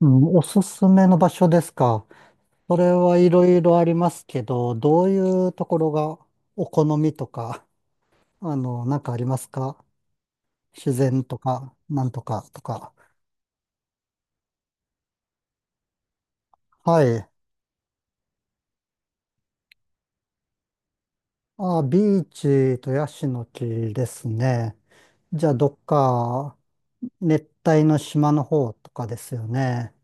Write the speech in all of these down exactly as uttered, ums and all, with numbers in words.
うん、おすすめの場所ですか。それはいろいろありますけど、どういうところがお好みとか、あの、なんかありますか？自然とか、なんとかとか。はい。あ、ビーチとヤシの木ですね。じゃあ、どっか熱帯の島の方とかですよね。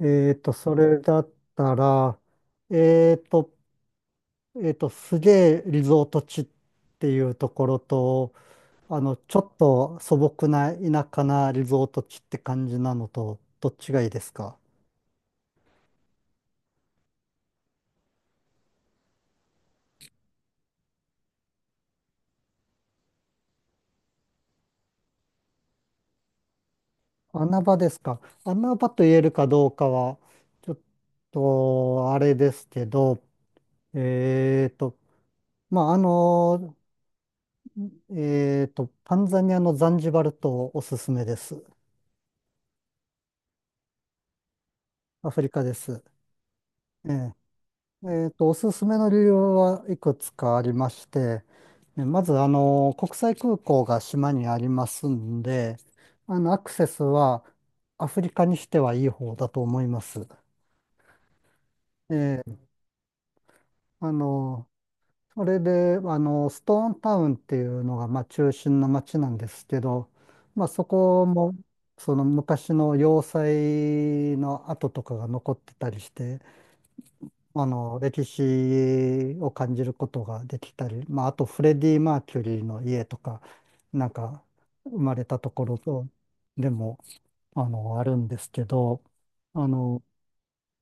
えっと、それだったら、えっと、えっと、すげえリゾート地っていうところと、あの、ちょっと素朴な田舎なリゾート地って感じなのと、どっちがいいですか？穴場ですか？穴場と言えるかどうかは、ちょっと、あれですけど、えーと、まあ、あの、えーと、タンザニアのザンジバル島おすすめです。アフリカです。ええ、えっと、おすすめの理由はいくつかありまして、ね、まず、あの、国際空港が島にありますんで、あの、アクセスはアフリカにしてはいい方だと思います。えーあの、それで、あの、ストーンタウンっていうのが、まあ、中心の街なんですけど、まあ、そこも、その昔の要塞の跡とかが残ってたりして、あの、歴史を感じることができたり、まあ、あとフレディ・マーキュリーの家とか、なんか生まれたところと、でも、あの、あるんですけど、あの、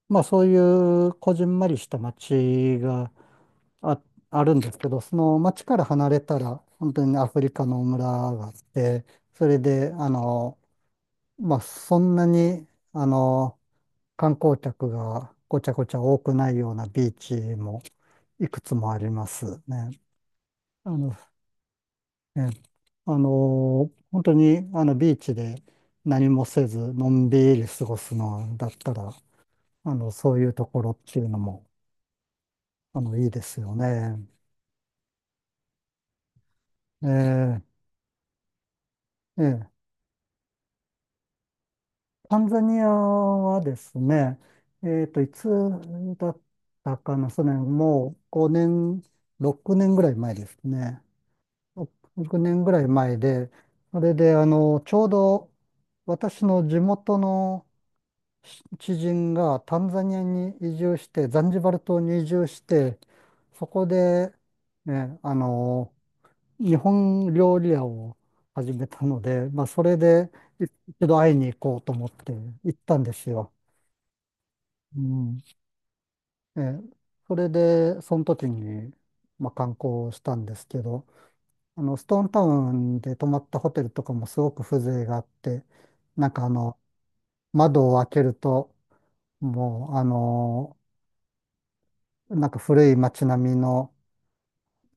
まあ、そういうこじんまりした街があ、あるんですけど、その街から離れたら、本当にアフリカの村があって、それで、あの、まあ、そんなに、あの、観光客がごちゃごちゃ多くないようなビーチも、いくつもありますね。あの、ね、あの、本当に、あの、ビーチで何もせず、のんびり過ごすのだったら、あの、そういうところっていうのも、あの、いいですよね。えーえータンザニアはですね、えっと、いつだったかな、それもうごねん、ろくねんぐらい前ですね。ろくねんぐらい前で、それで、あの、ちょうど、私の地元の知人がタンザニアに移住して、ザンジバル島に移住して、そこで、ね、あの、日本料理屋を始めたので、まあ、それでい一度会いに行こうと思って行ったんですよ。うん。え、それで、その時に、まあ、観光したんですけど、あの、ストーンタウンで泊まったホテルとかもすごく風情があって、なんかあの、窓を開けると、もう、あの、なんか古い街並みの、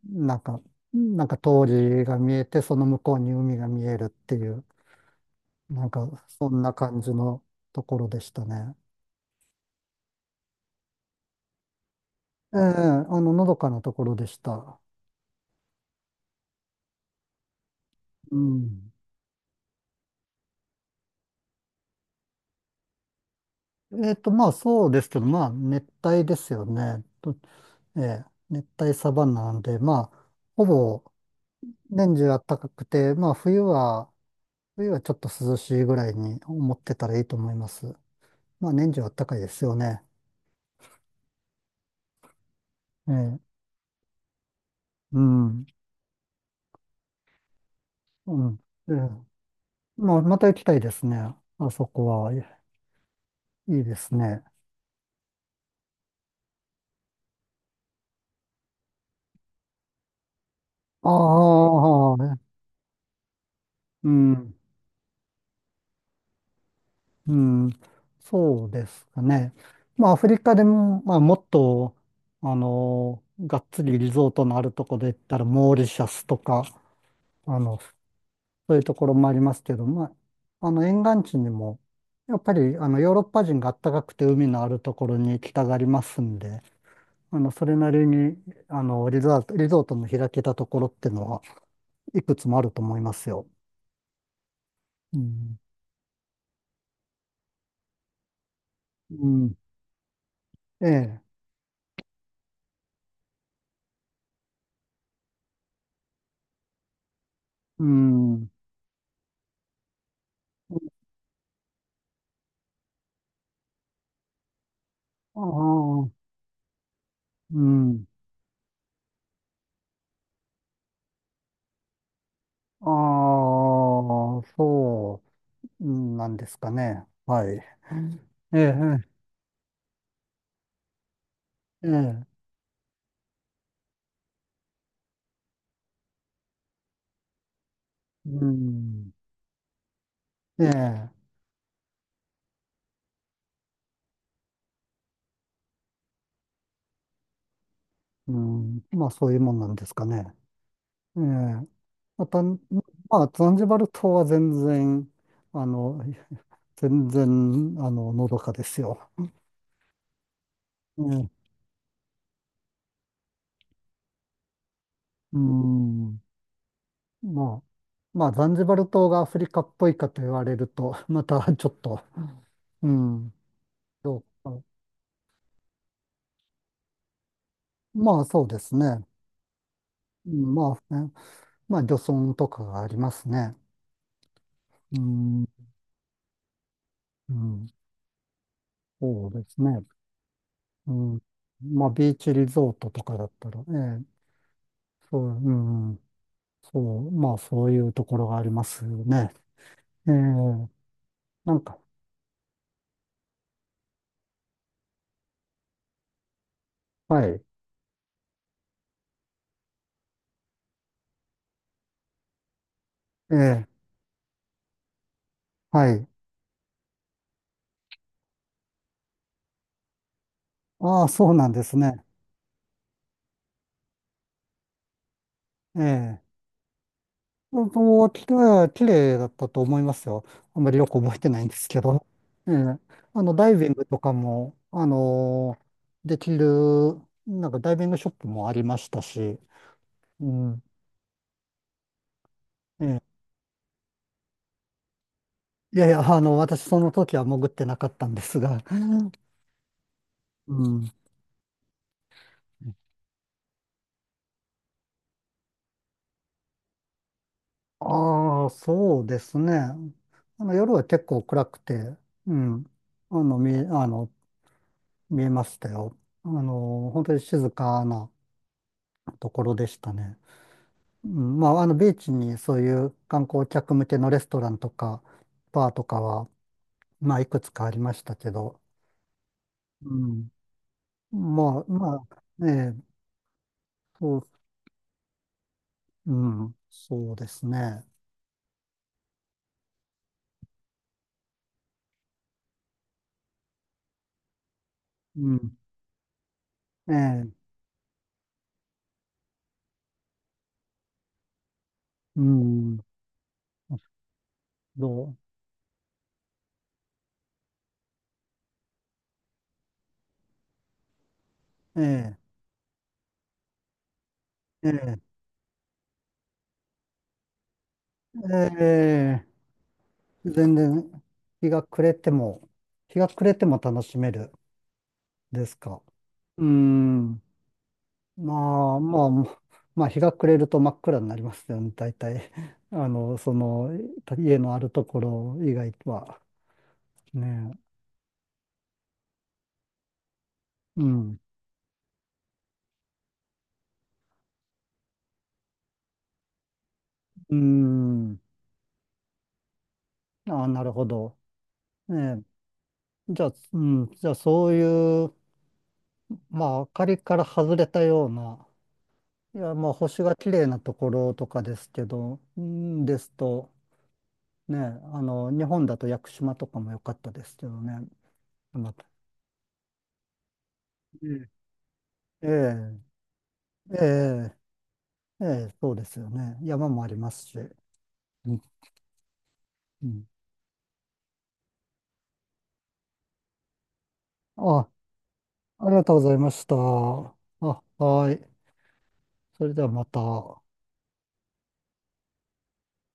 なんか、なんか通りが見えて、その向こうに海が見えるっていう、なんかそんな感じのところでしたね。ええ、あの、のどかなところでした。うん。えっと、まあそうですけど、まあ熱帯ですよね。とええ、熱帯サバンナなんで、まあ、ほぼ年中暖かくて、まあ冬は、冬はちょっと涼しいぐらいに思ってたらいいと思います。まあ年中暖かいですよね。ええ、うん。うん。ええ、まあ、また行きたいですね。あそこは、いいいですね。ああ、ね、うん、うん、そうですかね。まあ、アフリカでも、まあ、もっと、あの、がっつりリゾートのあるところで言ったら、モーリシャスとか、あの、そういうところもありますけど、まあ、あの、沿岸地にも、やっぱり、あの、ヨーロッパ人が暖かくて海のあるところに行きたがりますんで、あの、それなりに、あの、リゾート、リゾートの開けたところってのは、いくつもあると思いますよ。うん。うん。ええ。うん。ああ、うん。ああ、そうなんですかね。はい。ええ、ええ、ええ、うん。ええ、うん。まあ、そういうもんなんですかね。ええ。また、まあ、ザンジバル島は全然、あの、全然、あの、のどかですよ。うーん。まあ、まあ、ザンジバル島がアフリカっぽいかと言われると、またちょっと、うん、どうか。まあ、そうですね。うん、まあ、ね、まあ、漁村とかがありますね。うん、うん、そうですね。うん、まあ、ビーチリゾートとかだったら、ええ、そう、うん、そう、まあ、そういうところがありますよね。ええ、なんか、はい、ええ、はい。ああ、そうなんですね。ええ。もうきれい、綺麗だったと思いますよ。あんまりよく覚えてないんですけど。ええ、あの、ダイビングとかも、あのできる、なんかダイビングショップもありましたし、うん。ええ、いやいや、あの、私その時は潜ってなかったんですが、うん。ああ、そうですね。あの、夜は結構暗くて、うん。あの、見え、あの、見えましたよ。あの、本当に静かなところでしたね。うん、まあ、あの、ビーチにそういう観光客向けのレストランとか、バーとかは、まあ、いくつかありましたけど、うん。まあ、まあ、ええ、そう、うん、そうですね。うん、ええ、うん、どう、ええ、ええ、ええ、全然、日が暮れても、日が暮れても楽しめるですか？うん。まあまあ、まあ日が暮れると真っ暗になりますよね、大体。あの、その、家のあるところ以外は。ねえ。うん。うん。ああ、なるほど。ねえ。じゃあ、うん。じゃあ、そういう、まあ、明かりから外れたような、いや、まあ、星が綺麗なところとかですけど、うんですと、ねえ、あの、日本だと屋久島とかも良かったですけどね。また、ええ、ええ、ええええ、そうですよね。山もありますし。うん、うん。あ、ありがとうございました。あ、はい。それではまた。